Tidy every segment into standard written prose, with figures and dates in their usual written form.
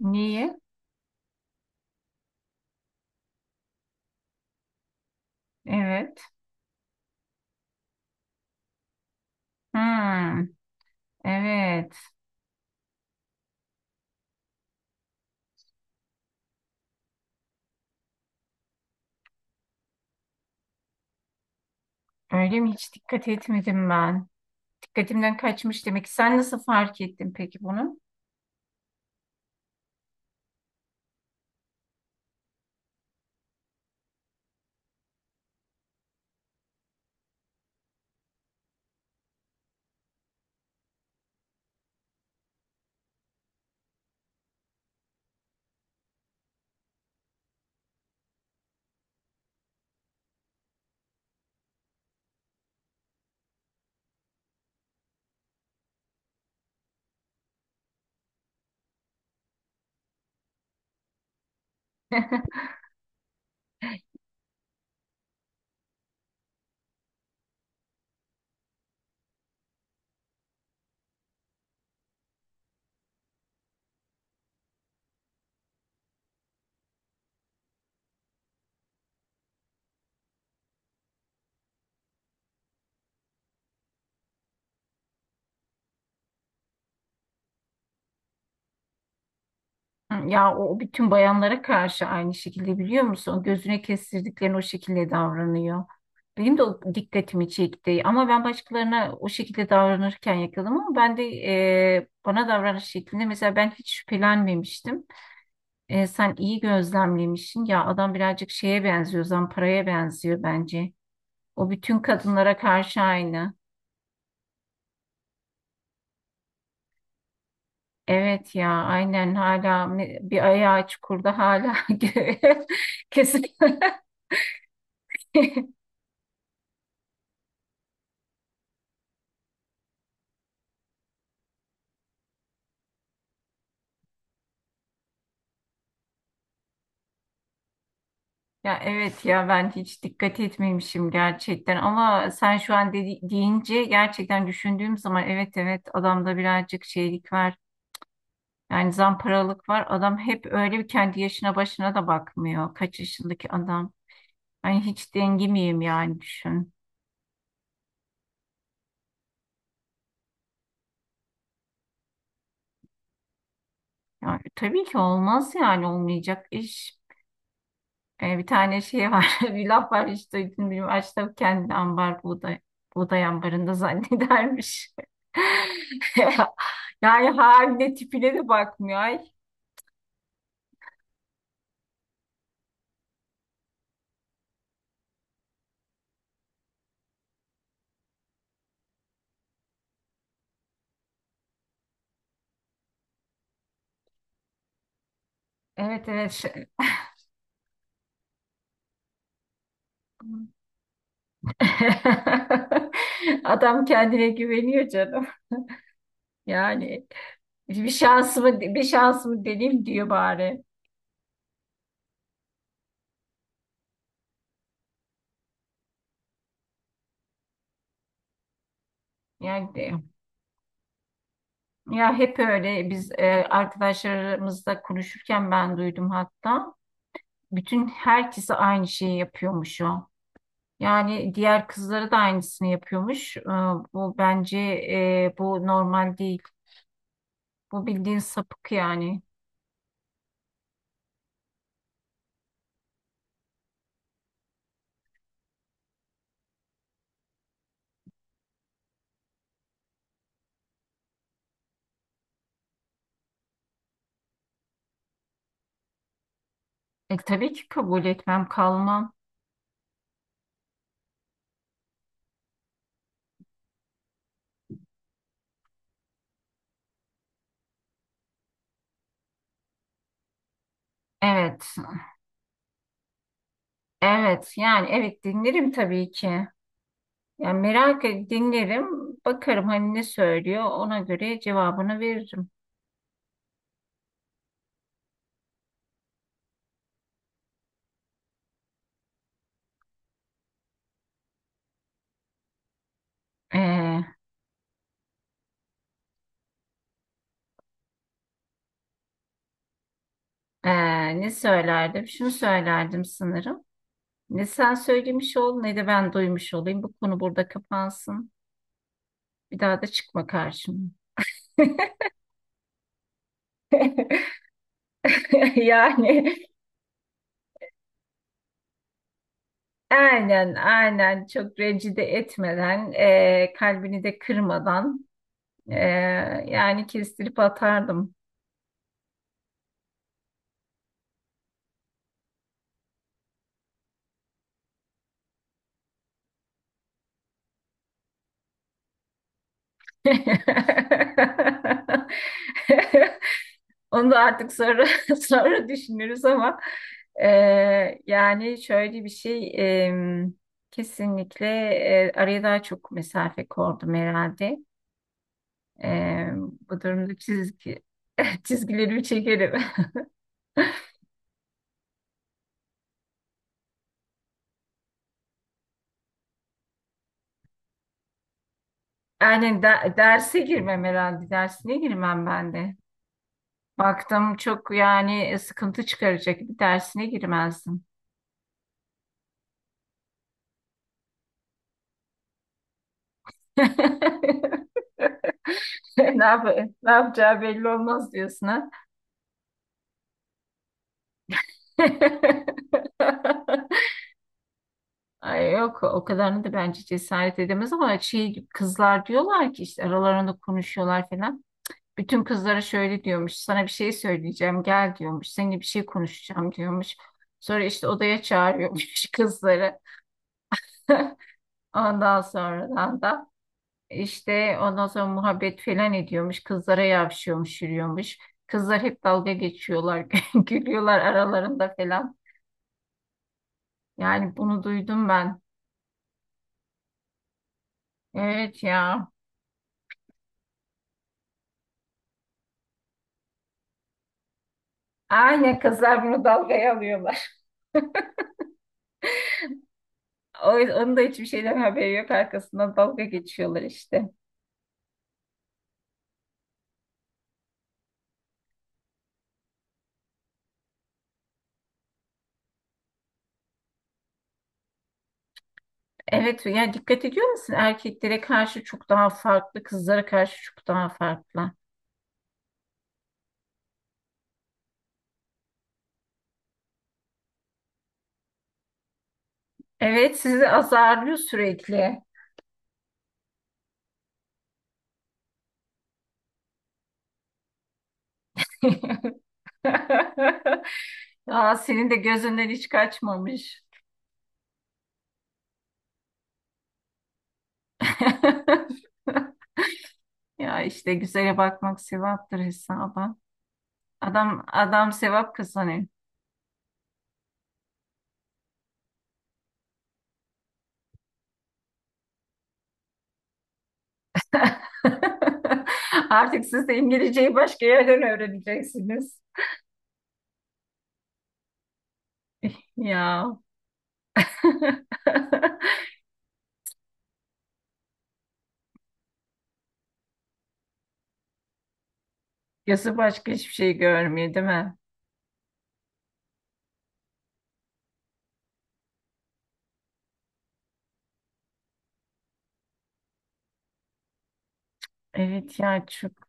Niye? Evet. Hmm, evet. Öyle mi? Hiç dikkat etmedim ben. Dikkatimden kaçmış demek ki. Sen nasıl fark ettin peki bunu? Ya o bütün bayanlara karşı aynı şekilde biliyor musun? Gözüne kestirdiklerini o şekilde davranıyor. Benim de o dikkatimi çekti. Ama ben başkalarına o şekilde davranırken yakaladım ama ben de bana davranış şeklinde mesela ben hiç şüphelenmemiştim. Sen iyi gözlemlemişsin. Ya adam birazcık şeye benziyor, Zampara'ya benziyor bence. O bütün kadınlara karşı aynı. Evet ya, aynen hala me- bir ayağı çukurda hala gö- kesin. Ya evet ya ben hiç dikkat etmemişim gerçekten ama sen şu an dedi- deyince gerçekten düşündüğüm zaman evet evet adamda birazcık şeylik var. Yani zamparalık var. Adam hep öyle bir kendi yaşına başına da bakmıyor. Kaç yaşındaki adam. Ay hiç dengi miyim yani düşün. Yani, tabii ki olmaz yani olmayacak iş. Bir tane şey var bir laf var işte, duydun mu? Açta kendi ambar buğday, buğday ambarında zannedermiş. Yani haline tipine de bakmıyor. Ay. Evet evet. şey- Adam kendine güveniyor canım. Yani bir şansımı deneyim diyor bari. Yani ya hep öyle biz arkadaşlarımızla konuşurken ben duydum hatta. Bütün herkese aynı şeyi yapıyormuş o. Yani diğer kızları da aynısını yapıyormuş. Bu bence bu normal değil. Bu bildiğin sapık yani. Tabii ki kabul etmem, kalmam. Evet, evet. Yani evet dinlerim tabii ki. Yani merak ed- dinlerim, bakarım hani ne söylüyor, ona göre cevabını veririm. Ee, ne söylerdim? Şunu söylerdim sanırım. Ne sen söylemiş ol, ne de ben duymuş olayım. Bu konu burada kapansın. Bir daha da çıkma karşıma. Yani aynen, aynen çok rencide etmeden, kalbini de kırmadan, e, yani kestirip atardım. Onu da artık sonra sonra düşünürüz ama e, yani şöyle bir şey e, kesinlikle araya daha çok mesafe koydum herhalde. E, bu durumda çizgi çizgilerimi çekerim. Yani de- derse girmem herhalde. Dersine girmem ben de. Baktım çok yani sıkıntı çıkaracak bir dersine girmezdim. Ne yap ne yapacağı belli olmaz diyorsun ha. Ay yok o kadarını da bence cesaret edemez ama şey kızlar diyorlar ki işte aralarında konuşuyorlar falan. Bütün kızlara şöyle diyormuş sana bir şey söyleyeceğim gel diyormuş seninle bir şey konuşacağım diyormuş. Sonra işte odaya çağırıyormuş kızları. Ondan sonradan da işte ondan sonra muhabbet falan ediyormuş. Kızlara yavşıyormuş, yürüyormuş. Kızlar hep dalga geçiyorlar, gülüyorlar aralarında falan. Yani bunu duydum ben. Evet ya. Aynen kızlar bunu dalgaya alıyorlar. O, onun da hiçbir şeyden haberi yok. Arkasından dalga geçiyorlar işte. Evet ya dikkat ediyor musun? Erkeklere karşı çok daha farklı, kızlara karşı çok daha farklı. Evet sizi azarlıyor sürekli. Aa, senin de gözünden hiç kaçmamış. Ya işte güzele bakmak sevaptır hesaba. Adam adam sevap kazanıyor. Artık siz de İngilizceyi başka yerden öğreneceksiniz. Ya. Gözü başka hiçbir şey görmüyor değil mi? Evet ya çok.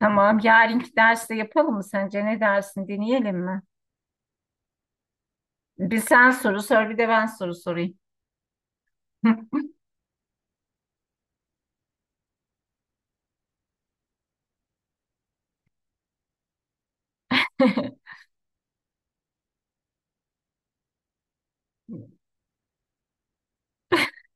Tamam yarınki derste yapalım mı sence? Ne dersin? Deneyelim mi? Bir sen soru sor bir de ben soru sorayım.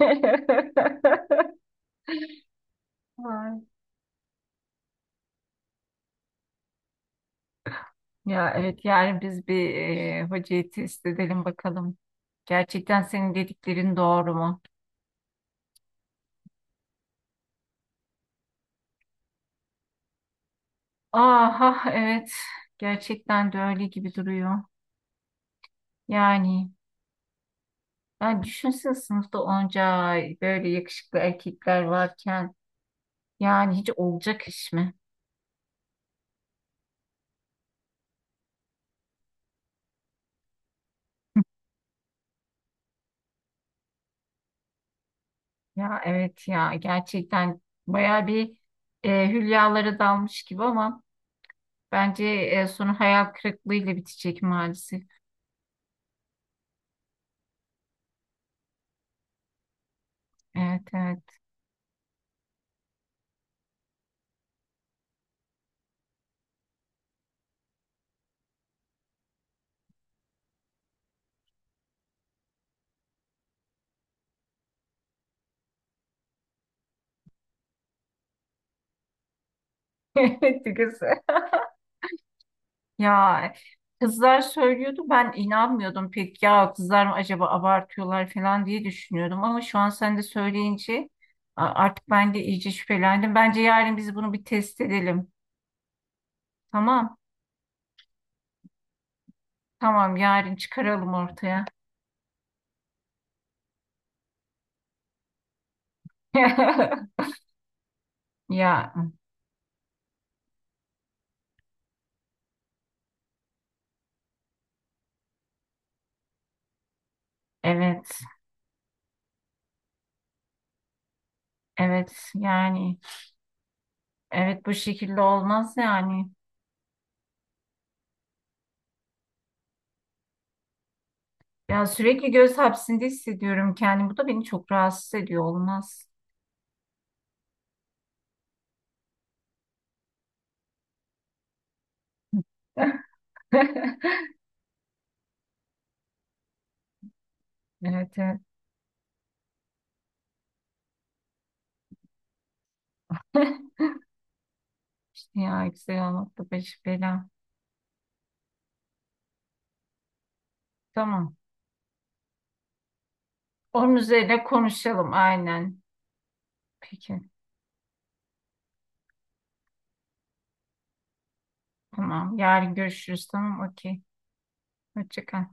Ay, ya evet yani biz bir hocayı test edelim bakalım. Gerçekten senin dediklerin doğru mu? Aha evet gerçekten de öyle gibi duruyor. Yani ben düşünsene sınıfta onca böyle yakışıklı erkekler varken yani hiç olacak iş mi? Ya evet ya gerçekten baya bir hülyalara dalmış gibi ama bence sonu hayal kırıklığıyla bitecek maalesef. Evet evet. Evet kız. Ya kızlar söylüyordu ben inanmıyordum pek ya kızlar mı acaba abartıyorlar falan diye düşünüyordum ama şu an sen de söyleyince a- artık ben de iyice şüphelendim. Bence yarın biz bunu bir test edelim. Tamam tamam yarın çıkaralım ortaya. Ya evet evet yani evet bu şekilde olmaz yani. Ya sürekli göz hapsinde hissediyorum kendimi. Bu da beni çok rahatsız ediyor olmaz. Evet evet. İşte ya güzel olmakla başı bela. Tamam. Onun üzerine konuşalım aynen. Peki. Tamam. Yarın görüşürüz. Tamam. Okey. Hoşça kal.